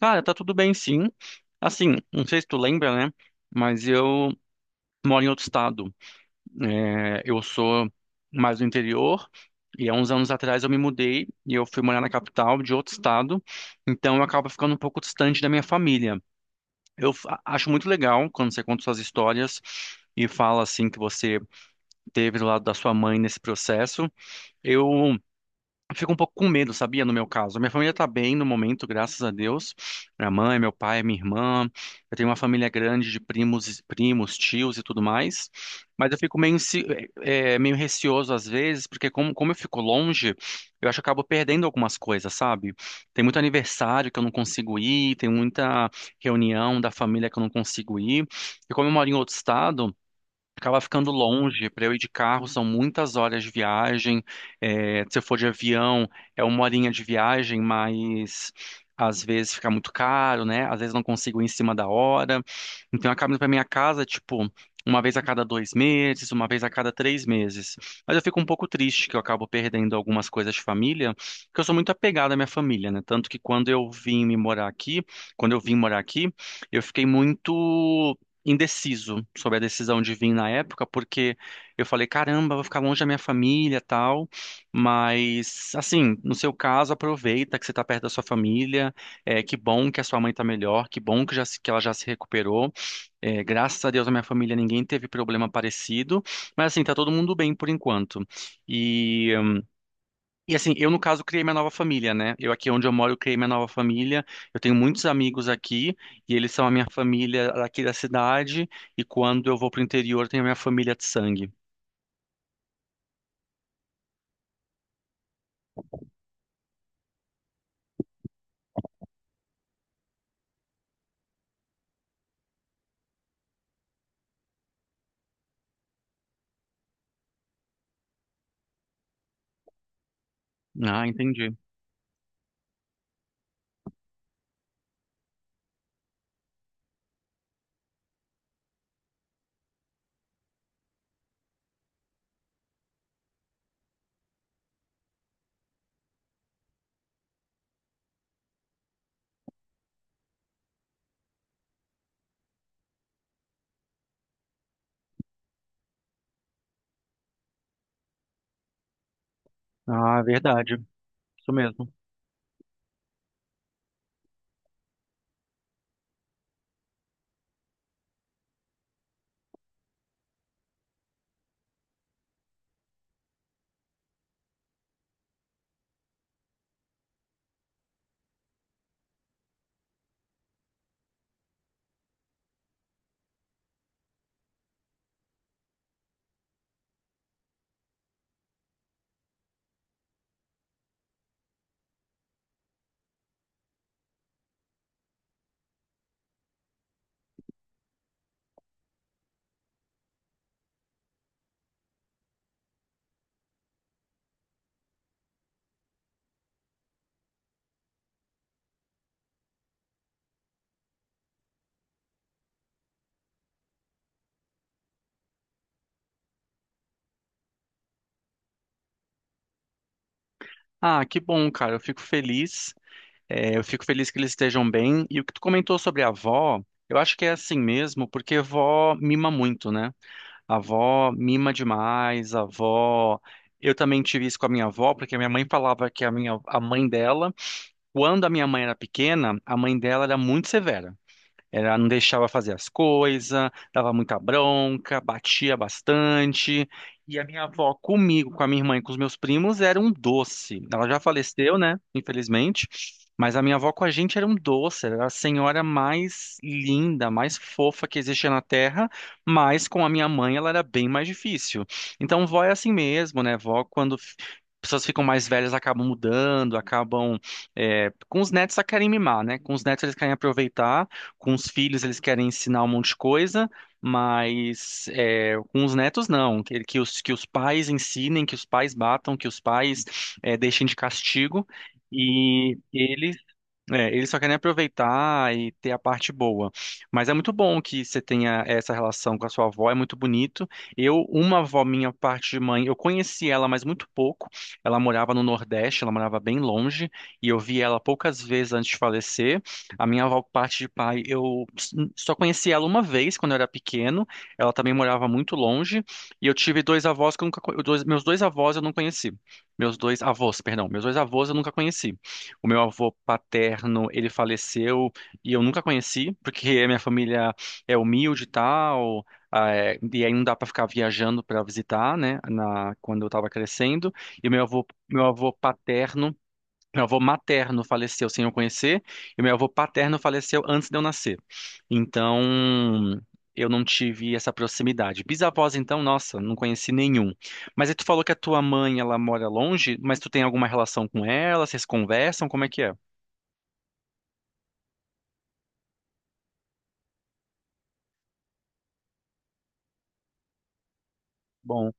Cara, tá tudo bem sim. Assim, não sei se tu lembra, né? Mas eu moro em outro estado. É, eu sou mais do interior e há uns anos atrás eu me mudei e eu fui morar na capital de outro estado. Então eu acabo ficando um pouco distante da minha família. Acho muito legal quando você conta suas histórias e fala assim que você teve do lado da sua mãe nesse processo. Eu eu fico um pouco com medo, sabia? No meu caso, minha família tá bem no momento, graças a Deus. Minha mãe, meu pai, minha irmã. Eu tenho uma família grande de primos, primos, tios e tudo mais. Mas eu fico meio, meio receoso às vezes, porque como eu fico longe, eu acho que eu acabo perdendo algumas coisas, sabe? Tem muito aniversário que eu não consigo ir, tem muita reunião da família que eu não consigo ir. E como eu moro em outro estado. Acaba ficando longe para eu ir de carro, são muitas horas de viagem. É, se eu for de avião, é uma horinha de viagem, mas às vezes fica muito caro, né? Às vezes não consigo ir em cima da hora. Então eu acabo indo para minha casa, tipo, uma vez a cada dois meses, uma vez a cada três meses. Mas eu fico um pouco triste que eu acabo perdendo algumas coisas de família, porque eu sou muito apegado à minha família, né? Tanto que quando eu vim morar aqui, eu fiquei muito indeciso sobre a decisão de vir na época, porque eu falei, caramba, vou ficar longe da minha família, tal, mas assim, no seu caso, aproveita que você está perto da sua família, é, que bom que a sua mãe está melhor, que bom que, já, se- que ela já se recuperou, é, graças a Deus na minha família ninguém teve problema parecido, mas assim, tá todo mundo bem por enquanto, e e assim, eu no caso criei minha nova família, né? Eu aqui onde eu moro, eu criei minha nova família. Eu tenho muitos amigos aqui e eles são a minha família aqui da cidade. E quando eu vou pro interior, tem a minha família de sangue. Ah, entendi. Ah, verdade. Isso mesmo. Ah, que bom, cara. Eu fico feliz. É, eu fico feliz que eles estejam bem. E o que tu comentou sobre a avó, eu acho que é assim mesmo, porque vó mima muito, né? A avó mima demais, a avó. Eu também tive isso com a minha avó, porque a minha mãe falava que a mãe dela, quando a minha mãe era pequena, a mãe dela era muito severa. Ela não deixava fazer as coisas, dava muita bronca, batia bastante. E a minha avó comigo, com a minha irmã e com os meus primos era um doce. Ela já faleceu, né? Infelizmente. Mas a minha avó com a gente era um doce, era a senhora mais linda, mais fofa que existia na Terra, mas com a minha mãe ela era bem mais difícil. Então, vó é assim mesmo, né? Vó, pessoas ficam mais velhas, acabam mudando, acabam. Com os netos, elas querem mimar, né? Com os netos, eles querem aproveitar. Com os filhos eles querem ensinar um monte de coisa, mas é, com os netos não. Que os pais ensinem, que os pais batam, que os pais é, deixem de castigo. E ele eles só querem aproveitar e ter a parte boa. Mas é muito bom que você tenha essa relação com a sua avó, é muito bonito. Eu, uma avó minha, parte de mãe, eu conheci ela, mas muito pouco. Ela morava no Nordeste, ela morava bem longe, e eu vi ela poucas vezes antes de falecer. A minha avó, parte de pai, só conheci ela uma vez quando eu era pequeno. Ela também morava muito longe, e eu tive dois avós que eu nunca, co- dois- meus dois avós eu não conheci. Meus dois avós, perdão, meus dois avós eu nunca conheci. O meu avô paterno, ele faleceu e eu nunca conheci, porque a minha família é humilde e tal, e aí não dá para ficar viajando para visitar, né, quando eu estava crescendo. E meu avô, meu avô paterno Meu avô materno faleceu sem eu conhecer, e meu avô paterno faleceu antes de eu nascer. Então, eu não tive essa proximidade. Bisavós, então, nossa, não conheci nenhum. Mas aí tu falou que a tua mãe, ela mora longe, mas tu tem alguma relação com ela? Vocês conversam? Como é que é? Bom,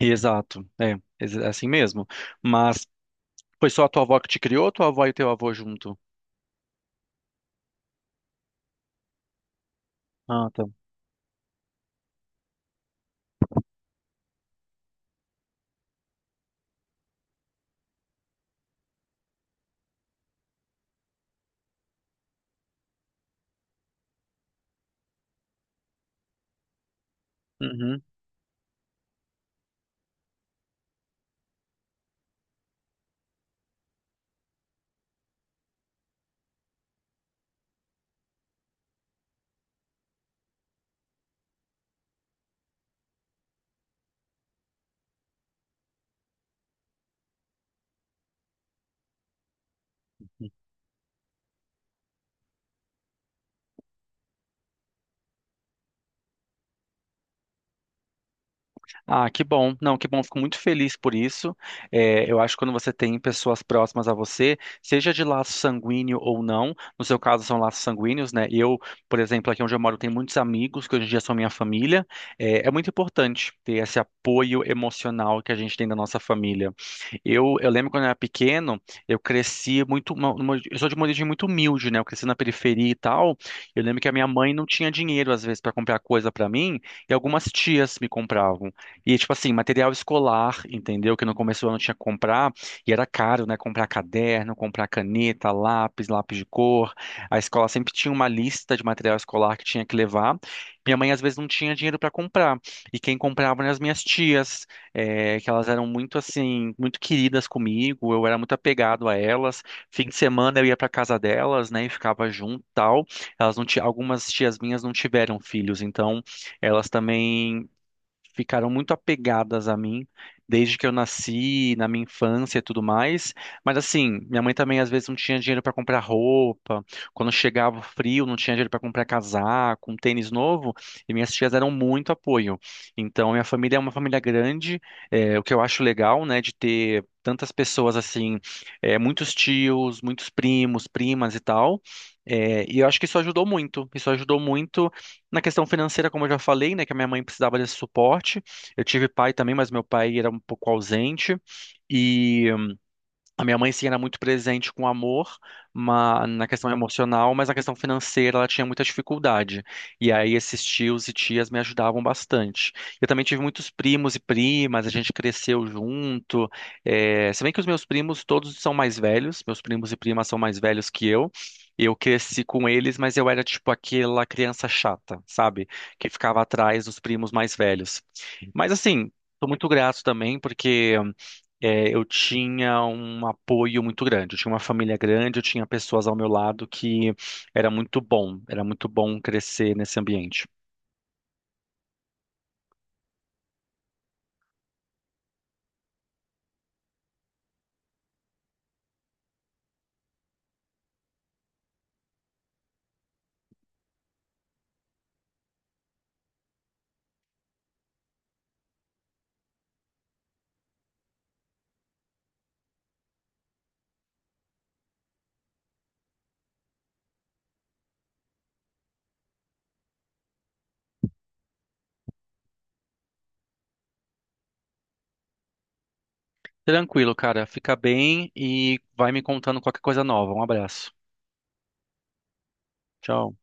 exato, é, é assim mesmo. Mas foi só a tua avó que te criou, ou tua avó e teu avô junto? Ah, tá. Uhum. Ah, que bom. Não, que bom. Fico muito feliz por isso. É, eu acho que quando você tem pessoas próximas a você, seja de laço sanguíneo ou não, no seu caso são laços sanguíneos, né? Eu, por exemplo, aqui onde eu moro, tenho muitos amigos que hoje em dia são minha família. É, é muito importante ter esse apoio emocional que a gente tem da nossa família. Eu lembro quando eu era pequeno, eu cresci muito. Eu sou de uma origem muito humilde, né? Eu cresci na periferia e tal. Eu lembro que a minha mãe não tinha dinheiro, às vezes, para comprar coisa para mim, e algumas tias me compravam. E, tipo assim, material escolar, entendeu? Que no começo do ano tinha que comprar, e era caro, né? Comprar caderno, comprar caneta, lápis, lápis de cor. A escola sempre tinha uma lista de material escolar que tinha que levar. Minha mãe, às vezes, não tinha dinheiro para comprar. E quem comprava eram as minhas tias, que elas eram muito, assim, muito queridas comigo. Eu era muito apegado a elas. Fim de semana eu ia para casa delas, né? E ficava junto, e tal. Elas não ti- Algumas tias minhas não tiveram filhos, então elas também ficaram muito apegadas a mim desde que eu nasci, na minha infância e tudo mais. Mas assim, minha mãe também às vezes não tinha dinheiro para comprar roupa. Quando chegava o frio, não tinha dinheiro para comprar casaco, um tênis novo. E minhas tias deram muito apoio. Então, minha família é uma família grande, é, o que eu acho legal, né, de ter tantas pessoas assim, é, muitos tios, muitos primos, primas e tal. É, e eu acho que isso ajudou muito. Isso ajudou muito na questão financeira, como eu já falei, né, que a minha mãe precisava desse suporte. Eu tive pai também, mas meu pai era um pouco ausente. E a minha mãe, sim, era muito presente com amor, na questão emocional, mas na questão financeira ela tinha muita dificuldade. E aí esses tios e tias me ajudavam bastante. Eu também tive muitos primos e primas, a gente cresceu junto. É... Se bem que os meus primos todos são mais velhos, meus primos e primas são mais velhos que eu. Eu cresci com eles, mas eu era tipo aquela criança chata, sabe? Que ficava atrás dos primos mais velhos. Mas assim, tô muito grato também, porque é, eu tinha um apoio muito grande, eu tinha uma família grande, eu tinha pessoas ao meu lado que era muito bom crescer nesse ambiente. Tranquilo, cara, fica bem e vai me contando qualquer coisa nova. Um abraço. Tchau.